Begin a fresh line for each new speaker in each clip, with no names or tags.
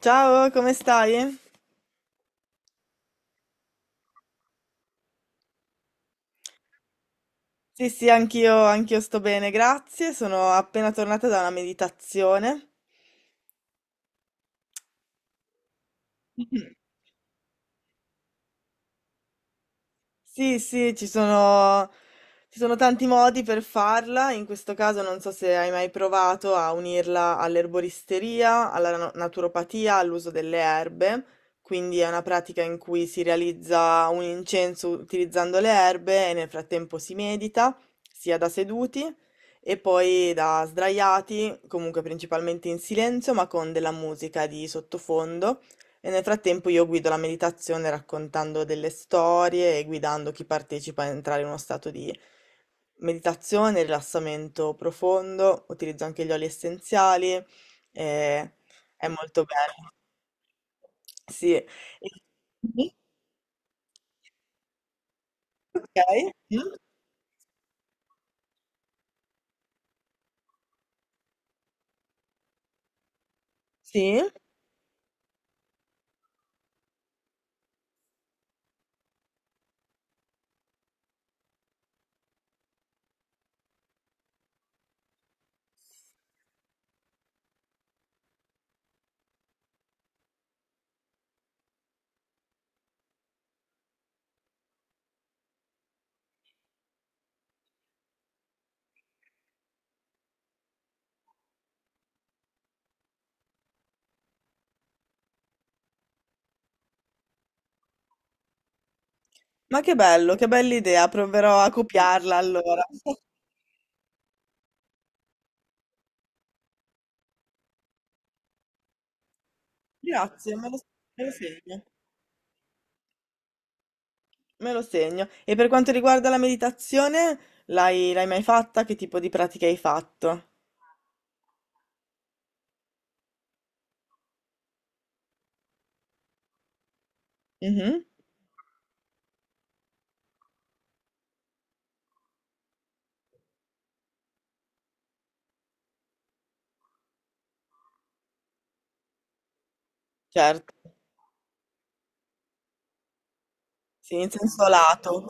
Ciao, come stai? Sì, sì, anch'io sto bene, grazie. Sono appena tornata da una meditazione. Sì, sì, ci sono tanti modi per farla. In questo caso non so se hai mai provato a unirla all'erboristeria, alla naturopatia, all'uso delle erbe. Quindi è una pratica in cui si realizza un incenso utilizzando le erbe e nel frattempo si medita, sia da seduti e poi da sdraiati, comunque principalmente in silenzio, ma con della musica di sottofondo. E nel frattempo io guido la meditazione raccontando delle storie e guidando chi partecipa a entrare in uno stato di meditazione, rilassamento profondo, utilizzo anche gli oli essenziali, eh, è molto bello. Sì. E- Mhm. Ok. Mm. Sì. Ma che bello, che bella idea, proverò a copiarla allora. Grazie, me lo segno. Me lo segno. E per quanto riguarda la meditazione, l'hai mai fatta? Che tipo di pratica hai fatto? Mhm. Certo, sì, in senso lato.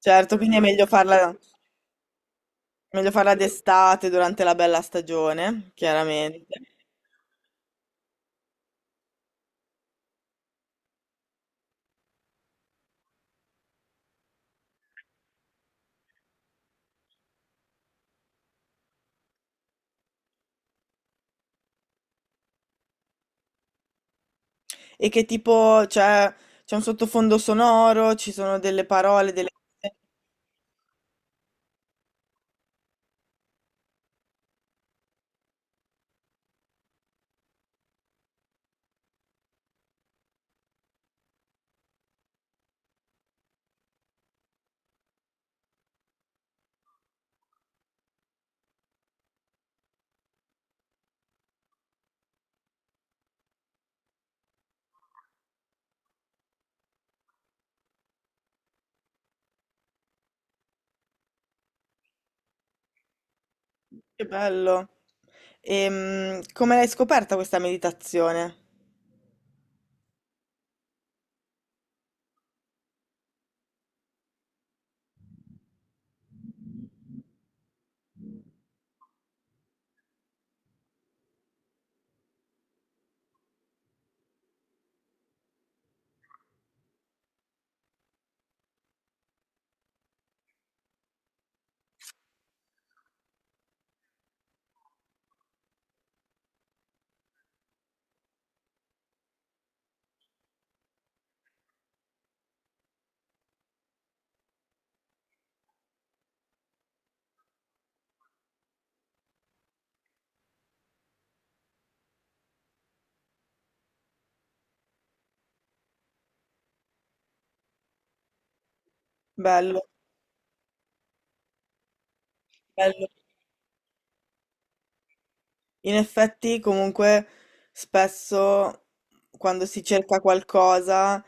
Certo, quindi è meglio farla d'estate, durante la bella stagione, chiaramente. E che tipo, cioè, c'è un sottofondo sonoro, ci sono delle parole, delle... Che bello. E come l'hai scoperta questa meditazione? Bello, bello. In effetti, comunque, spesso quando si cerca qualcosa,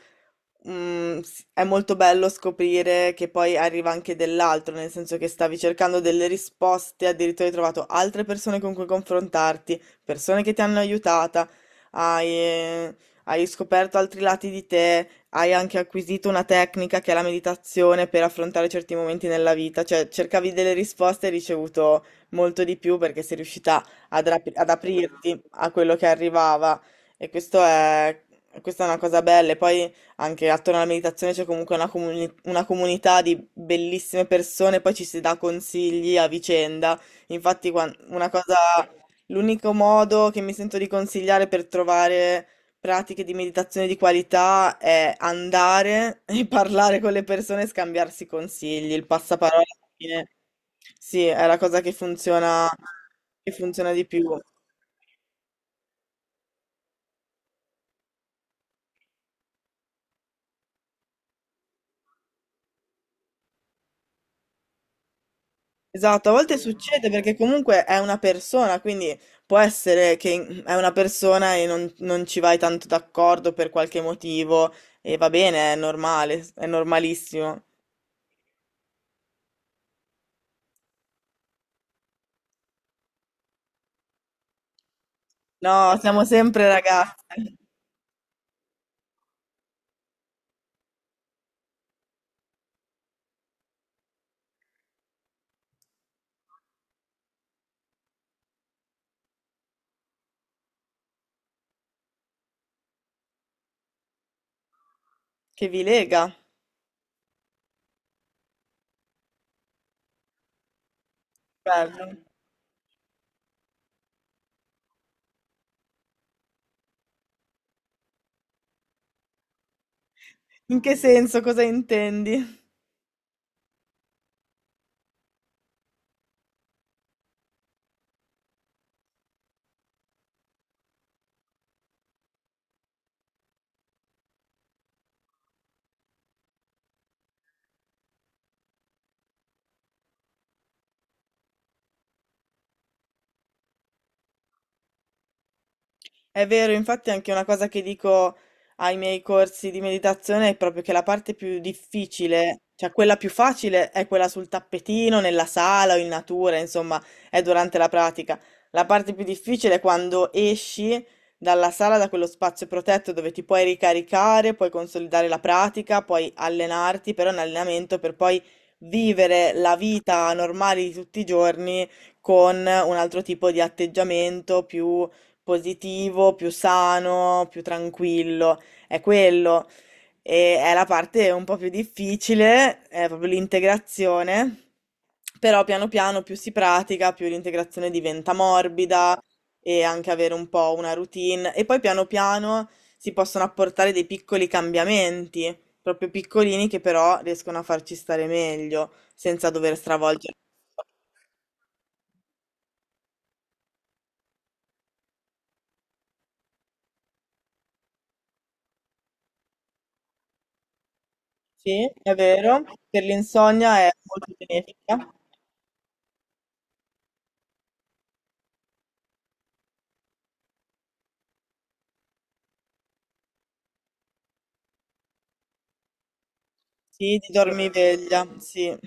mm, è molto bello scoprire che poi arriva anche dell'altro, nel senso che stavi cercando delle risposte, addirittura hai trovato altre persone con cui confrontarti, persone che ti hanno aiutata, hai, hai scoperto altri lati di te, hai anche acquisito una tecnica che è la meditazione per affrontare certi momenti nella vita, cioè cercavi delle risposte e hai ricevuto molto di più perché sei riuscita ad aprirti a quello che arrivava e questa è una cosa bella. E poi anche attorno alla meditazione c'è comunque una comunità di bellissime persone, poi ci si dà consigli a vicenda. Infatti, una cosa, l'unico modo che mi sento di consigliare per trovare pratiche di meditazione di qualità è andare e parlare con le persone e scambiarsi consigli. Il passaparola alla fine, sì, è la cosa che funziona di più. Esatto, a volte succede perché comunque è una persona, quindi può essere che è una persona e non ci vai tanto d'accordo per qualche motivo e va bene, è normale, è normalissimo. No, siamo sempre ragazze. Che vi lega. Bello. In che senso, cosa intendi? È vero, infatti anche una cosa che dico ai miei corsi di meditazione è proprio che la parte più difficile, cioè quella più facile è quella sul tappetino, nella sala o in natura, insomma, è durante la pratica. La parte più difficile è quando esci dalla sala, da quello spazio protetto dove ti puoi ricaricare, puoi consolidare la pratica, puoi allenarti, però è un allenamento per poi vivere la vita normale di tutti i giorni con un altro tipo di atteggiamento più positivo, più sano, più tranquillo, è quello. E è la parte un po' più difficile, è proprio l'integrazione, però piano piano più si pratica, più l'integrazione diventa morbida e anche avere un po' una routine. E poi piano piano si possono apportare dei piccoli cambiamenti, proprio piccolini che però riescono a farci stare meglio, senza dover stravolgerci, è vero, per l'insonnia è molto benefica. Sì, ti dormiveglia, sì.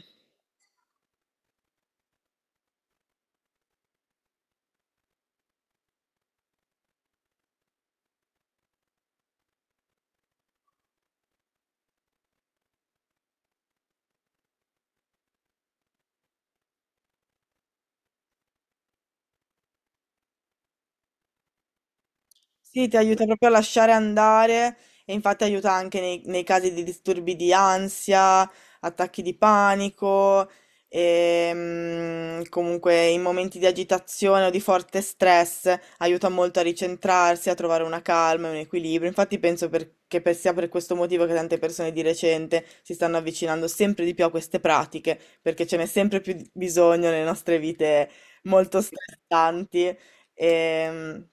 Sì, ti aiuta proprio a lasciare andare e infatti aiuta anche nei casi di disturbi di ansia, attacchi di panico e mm, comunque in momenti di agitazione o di forte stress aiuta molto a ricentrarsi, a trovare una calma e un equilibrio. Infatti penso sia per questo motivo che tante persone di recente si stanno avvicinando sempre di più a queste pratiche, perché ce n'è sempre più bisogno nelle nostre vite molto stressanti. E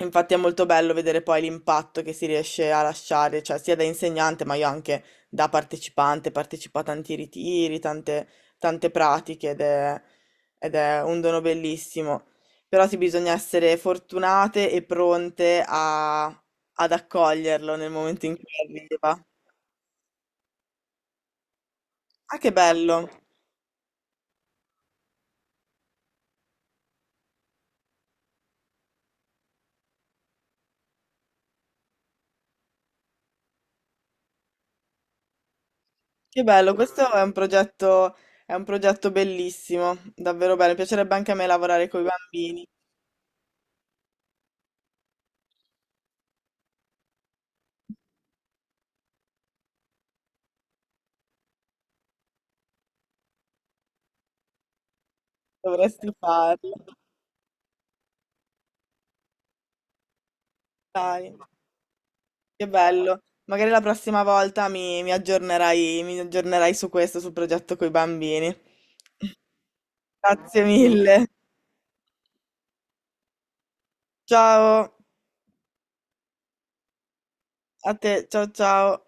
infatti è molto bello vedere poi l'impatto che si riesce a lasciare, cioè sia da insegnante, ma io anche da partecipante, partecipo a tanti ritiri, tante, tante pratiche ed è un dono bellissimo. Però sì, bisogna essere fortunate e pronte ad accoglierlo nel momento in cui arriva. Ah, che bello! Che bello, questo è un progetto bellissimo, davvero bello. Mi piacerebbe anche a me lavorare con i bambini. Dovresti farlo, dai, che bello. Magari la prossima volta mi aggiornerai su questo, sul progetto con i bambini. Grazie mille. Ciao a te, ciao ciao.